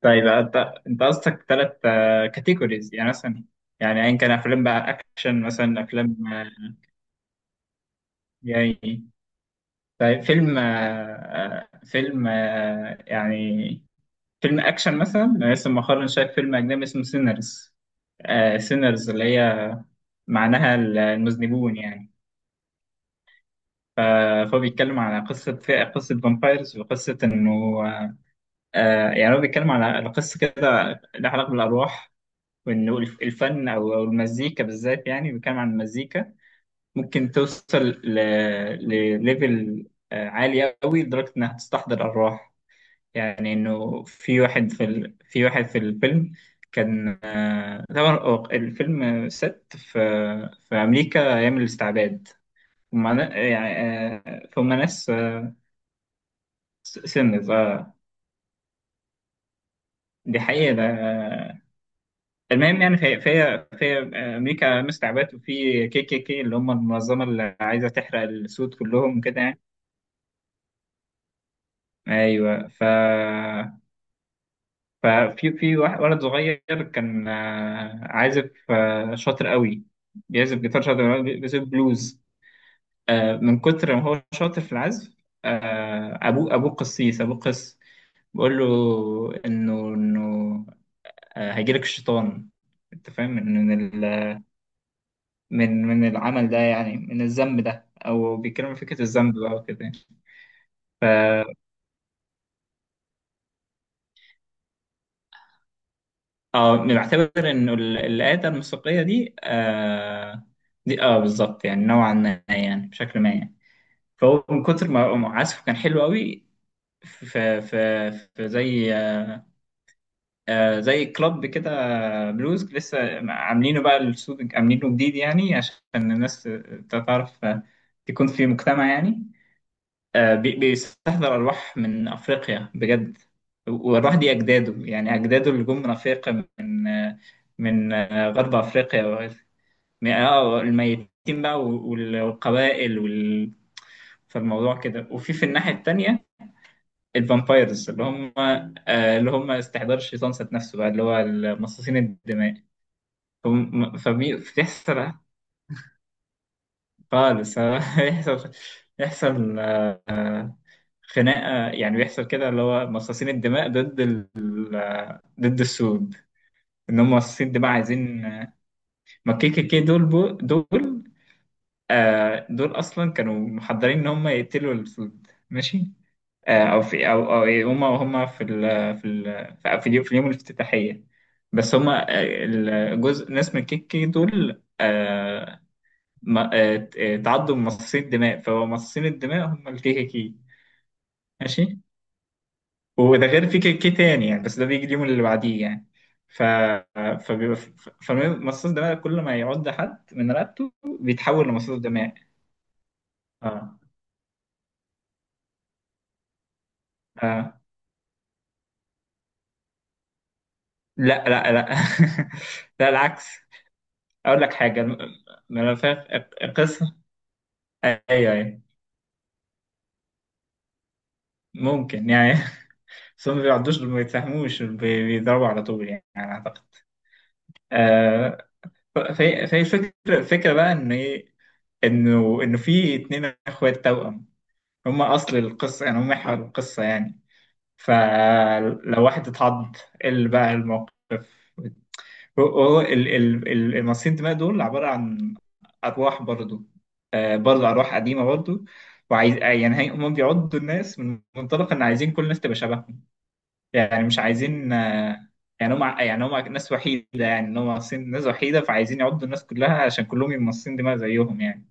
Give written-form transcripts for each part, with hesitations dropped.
طيب انت قصدك ثلاث كاتيجوريز، يعني مثلا يعني ايا كان افلام بقى اكشن، مثلا افلام يعني. طيب فيلم فيلم يعني فيلم اكشن مثلا. أنا لسه مؤخرا شايف فيلم اجنبي اسمه سينرز، سينرز اللي هي معناها المذنبون يعني. ف- فهو بيتكلم على قصة، قصة فامبايرز، وقصة إنه آه، يعني هو بيتكلم على قصة كده لها علاقة بالأرواح، وانه الفن او المزيكا بالذات، يعني بنتكلم عن المزيكا ممكن توصل ل- لليفل عالي قوي لدرجه انها تستحضر ارواح. يعني انه في واحد في ال... في واحد في الفيلم كان طبعا هو الفيلم ست في في امريكا ايام الاستعباد، يعني فهم ناس سنة اه، دي حقيقة ده. المهم يعني في في في امريكا مستعبات، وفي كي كي كي اللي هم المنظمه اللي عايزه تحرق السود كلهم وكده يعني. ايوه، ف ففي في واحد ولد صغير كان عازف شاطر قوي، بيعزف جيتار شاطر قوي، بيعزف بلوز. من كتر ما هو شاطر في العزف ابوه، قسيس، ابوه قس بيقول له انه هيجيلك الشيطان، انت فاهم، من العمل ده يعني من الذنب ده. او بيتكلموا في فكره الذنب بقى وكده يعني. ف اه بنعتبر ان الآلة الموسيقيه دي دي اه بالظبط، يعني نوعا ما، يعني بشكل ما يعني. فهو من كتر ما عزفه كان حلو قوي، في في في زي زي كلاب كده بلوز لسه عاملينه بقى الاستوديو، عاملينه جديد يعني عشان الناس تعرف تكون في مجتمع يعني. بيستحضر أرواح من أفريقيا بجد، والأرواح دي أجداده، يعني أجداده اللي جم من أفريقيا، من من غرب أفريقيا وغيره، الميتين بقى والقبائل وال... فالموضوع كده. وفي الناحية التانية الفامبايرز اللي هم اللي هم استحضار الشيطان ذات نفسه بقى، اللي هو مصاصين الدماء. فبيحصل خالص. بيحصل، يحصل خناقه يعني، بيحصل كده اللي هو مصاصين الدماء ضد ال... ضد السود، ان هم مصاصين الدماء عايزين. ما كي كي كي دول بو... دول آه دول اصلا كانوا محضرين ان هم يقتلوا السود ماشي. آه او في او او إيه، هم في ال... في ال... في اليوم، اليوم الافتتاحيه، بس هم الجزء ناس من كي كي دول آه ما... آه تعدوا من مصاصين الدماء، فهو مصاصين الدماء هم الكي كي كي ماشي. وده غير في كيكي تاني يعني، بس ده بيجي اليوم اللي بعديه يعني. ف فبيبقى فمصاص دماء كل ما يعض حد من رقبته بيتحول لمصاص دماء. اه اه لا، لا. لا العكس. اقول لك حاجه، ملفات، قصه، ايوه ممكن يعني. بس هم ما بيعضوش، ما بيتفهموش، بيضربوا على طول يعني، على اعتقد آه. فهي الفكره، الفكره بقى ان ايه، انه في اتنين اخوات توأم، هم اصل القصه يعني، هم محور القصه يعني. فلو واحد اتعض إيه اللي بقى الموقف. هو المصاصين الدماء دول عباره عن ارواح برضو، برضو ارواح قديمه برضو. وعايز يعني هم بيعضوا الناس من منطلق ان عايزين كل الناس تبقى شبههم، يعني مش عايزين يعني هم، يعني هم ناس وحيده، يعني ان هم مصاصين، ناس وحيده، فعايزين يعضوا الناس كلها عشان كلهم يبقوا مصاصين دماء زيهم يعني.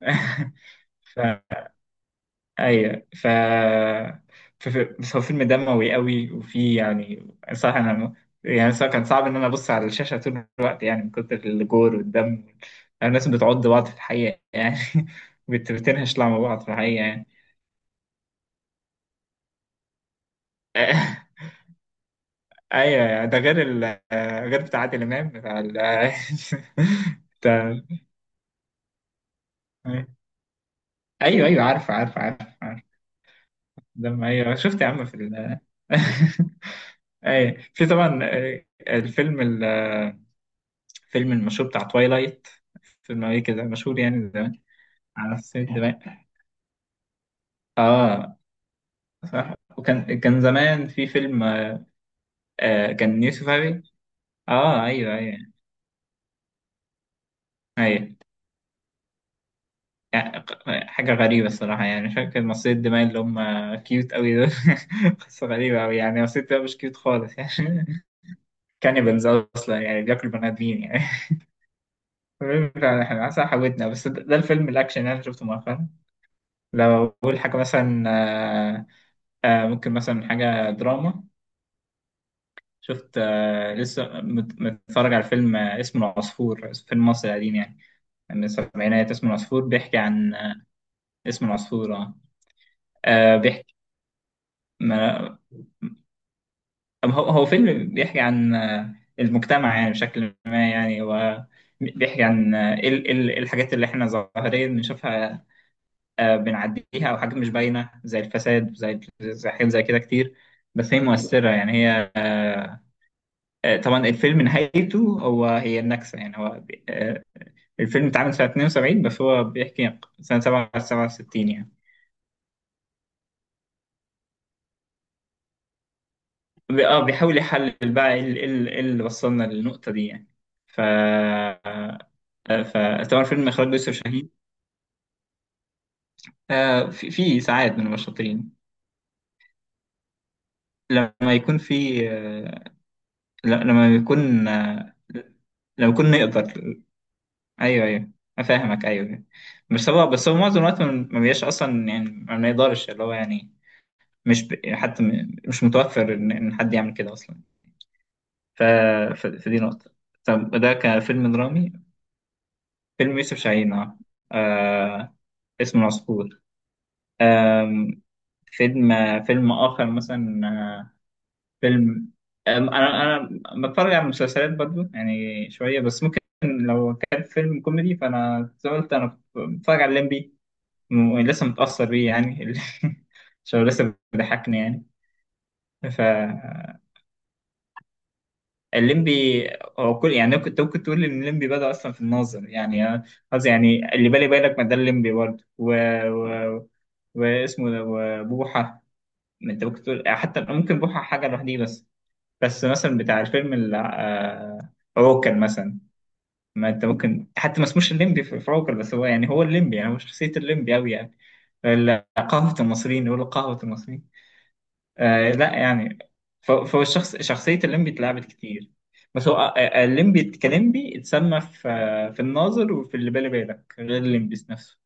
ف ايوه ف بس هو فيلم دموي قوي، وفي يعني صح انا يعني صراحة كان صعب ان انا ابص على الشاشه طول الوقت يعني، من كتر الجور والدم. الناس بتعض بعض في الحقيقه يعني. بتنهش لعب بعض في الحقيقه يعني. ايوه ده غير ال، غير بتاع عادل امام بتاع ال بتاع، ايوه عارف، عارف، دم ايوه شفت يا عم في ال. ايوه في طبعا الفيلم، فيلم المشهور بتاع توايلايت، فيلم أمريكي كده مشهور يعني من زمان، على السيد دماء اه. صح، وكان زمان في فيلم كان يوسف، اه ايوه ايوه. يعني حاجة غريبة الصراحة، يعني فاكر مصرية الدماء اللي هم كيوت أوي دول. قصة غريبة أوي يعني، مصرية الدماء مش كيوت خالص يعني. كانيبالز أصلا يعني، بياكلوا بني آدمين يعني. المهم فعلا احنا حسن حاولتنا. بس ده الفيلم الأكشن اللي أنا شفته مؤخرا. لو أقول حاجة مثلا ممكن مثلا حاجة دراما. شفت لسه متفرج على فيلم اسمه العصفور، فيلم مصري قديم يعني من السبعينات، اسمه العصفور، بيحكي عن اسمه العصفور اه. بيحكي، ما أم هو فيلم بيحكي عن المجتمع يعني بشكل ما، يعني هو بيحكي عن آه، ال ال الحاجات اللي احنا ظاهريا بنشوفها، بنعديها، او حاجات مش باينة، زي الفساد، زي حاجات زي كده كتير، بس هي مؤثرة يعني. هي طبعا الفيلم نهايته هي النكسة يعني. هو الفيلم اتعمل سنة 72 بس هو بيحكي سنة 7 67 يعني. اه بيحاول يحلل بقى ايه إيه اللي وصلنا للنقطة دي يعني. ف فطبعا فيلم إخراج يوسف شاهين. في ساعات من المشاطرين لما يكون في لما يكون لما يكون نقدر. ايوه افهمك ايوه. بس هو معظم الوقت ما بيبقاش اصلا يعني، ما بنقدرش اللي هو يعني. مش ب... حتى مش متوفر ان إن حد يعمل كده اصلا. ف... ف... فدي نقطة. طب ده كفيلم درامي، فيلم يوسف شاهين اه، آه، اسمه العصفور. آم، فيلم، فيلم آخر مثلا فيلم آم، أنا أنا بتفرج على مسلسلات برضو يعني شوية، بس ممكن لو كان فيلم كوميدي فأنا زي ما قلت أنا بتفرج على الليمبي، لسه متأثر بيه يعني. عشان هو لسه بيضحكني يعني. ف الليمبي، هو كل يعني كنت ممكن تقول ان الليمبي بدأ اصلا في الناظر يعني، قصدي يعني اللي بالي بالك، ما ده الليمبي برضه و... و... واسمه ده وبوحة. ما انت ممكن تقول حتى ممكن بوحة حاجة لوحديه. بس بس مثلا بتاع الفيلم عوكل مثلا، ما انت ممكن حتى ما اسموش الليمبي في عوكل، بس هو يعني هو الليمبي يعني، هو شخصية الليمبي أوي يعني. قهوة المصريين، يقولوا قهوة المصريين. آه لا يعني. فهو الشخص، شخصية الليمبي اتلعبت كتير، بس هو الليمبي كليمبي اتسمى في في الناظر وفي اللي بالي بالك غير الليمبي نفسه.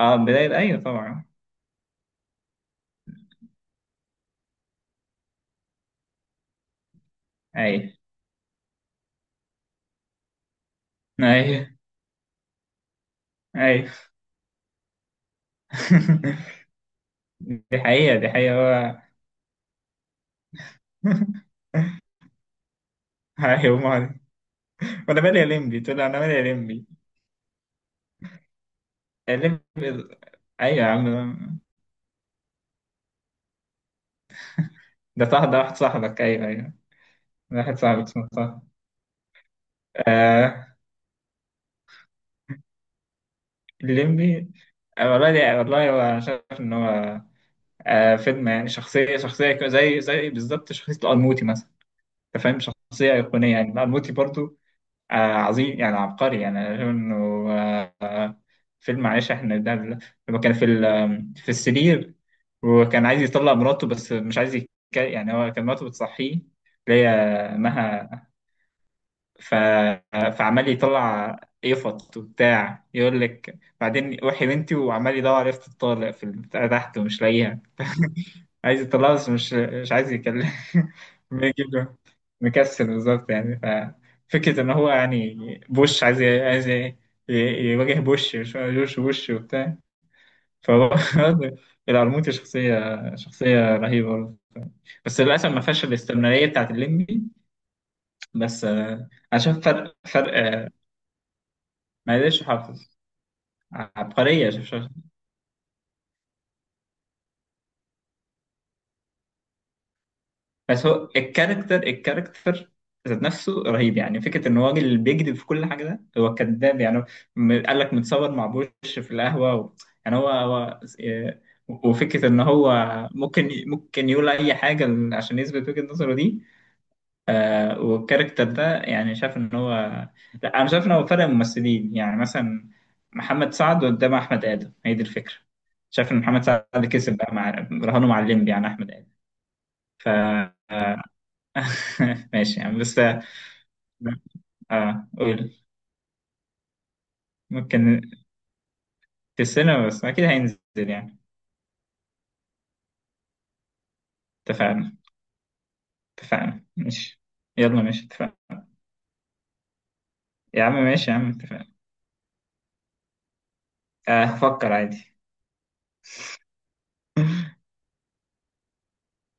اه بداية ايوه طبعا. ايوه ايوه ايوه. دي حقيقة هو. ايوه ما، وانا مالي يا ليمبي، تقول له انا مالي يا ليمبي، يا ليمبي. ايوه يا عم، ده طه، ده واحد صاحبك، ايوه ده واحد صاحبك اسمه طه. آه الليمبي. والله والله، هو شايف ان هو فيلم يعني زي بالظبط شخصية القرموطي مثلا. أنت فاهم، شخصية أيقونية يعني، القرموطي برضو عظيم يعني، عبقري يعني. أنا شايف إنه آه آه، فيلم، معلش إحنا ده لما كان في السرير وكان عايز يطلع مراته، بس مش عايز يعني هو كان مراته بتصحيه، اللي هي مها. ف... فعمال يطلع يفط وبتاع، يقول لك بعدين وحي بنتي، وعمال يدور على يفط الطالق في البتاع تحت ومش لاقيها. عايز يطلعه بس مش عايز يكلم. بيجيب له، مكسل بالظبط يعني. ففكرة إن هو يعني بوش، ي- يواجه بوش، مش عارف، جورج بوش وبتاع. فهو القرموطي شخصية، شخصية رهيبة برضه، بس للأسف ما فيهاش الاستمرارية بتاعت الليمبي. بس أنا شايف فرق، ما قدرش يحافظ، عبقرية. بس هو الكاركتر، الكاركتر ذات نفسه رهيب يعني، فكرة إن هو راجل بيكذب في كل حاجة، ده هو كذاب يعني. هو قال لك متصور مع بوش في القهوة و... يعني هو، هو آه، وفكرة إن هو ممكن يقول أي حاجة عشان يثبت وجهة نظره دي. آه والكاركتر ده يعني شايف إن هو، لا أنا شايف إن هو فرق ممثلين يعني، مثلا محمد سعد قدام أحمد آدم، هي دي الفكرة. شايف إن محمد سعد كسب بقى مع رهانه مع الليمبي يعني أحمد آدم. ف آه، ماشي يعني. بس اه قول، ممكن، في السينما بس اكيد هينزل يعني. اتفقنا، اتفقنا ماشي، يلا ماشي اتفقنا، يا عم ماشي يا عم اتفقنا. آه هفكر عادي.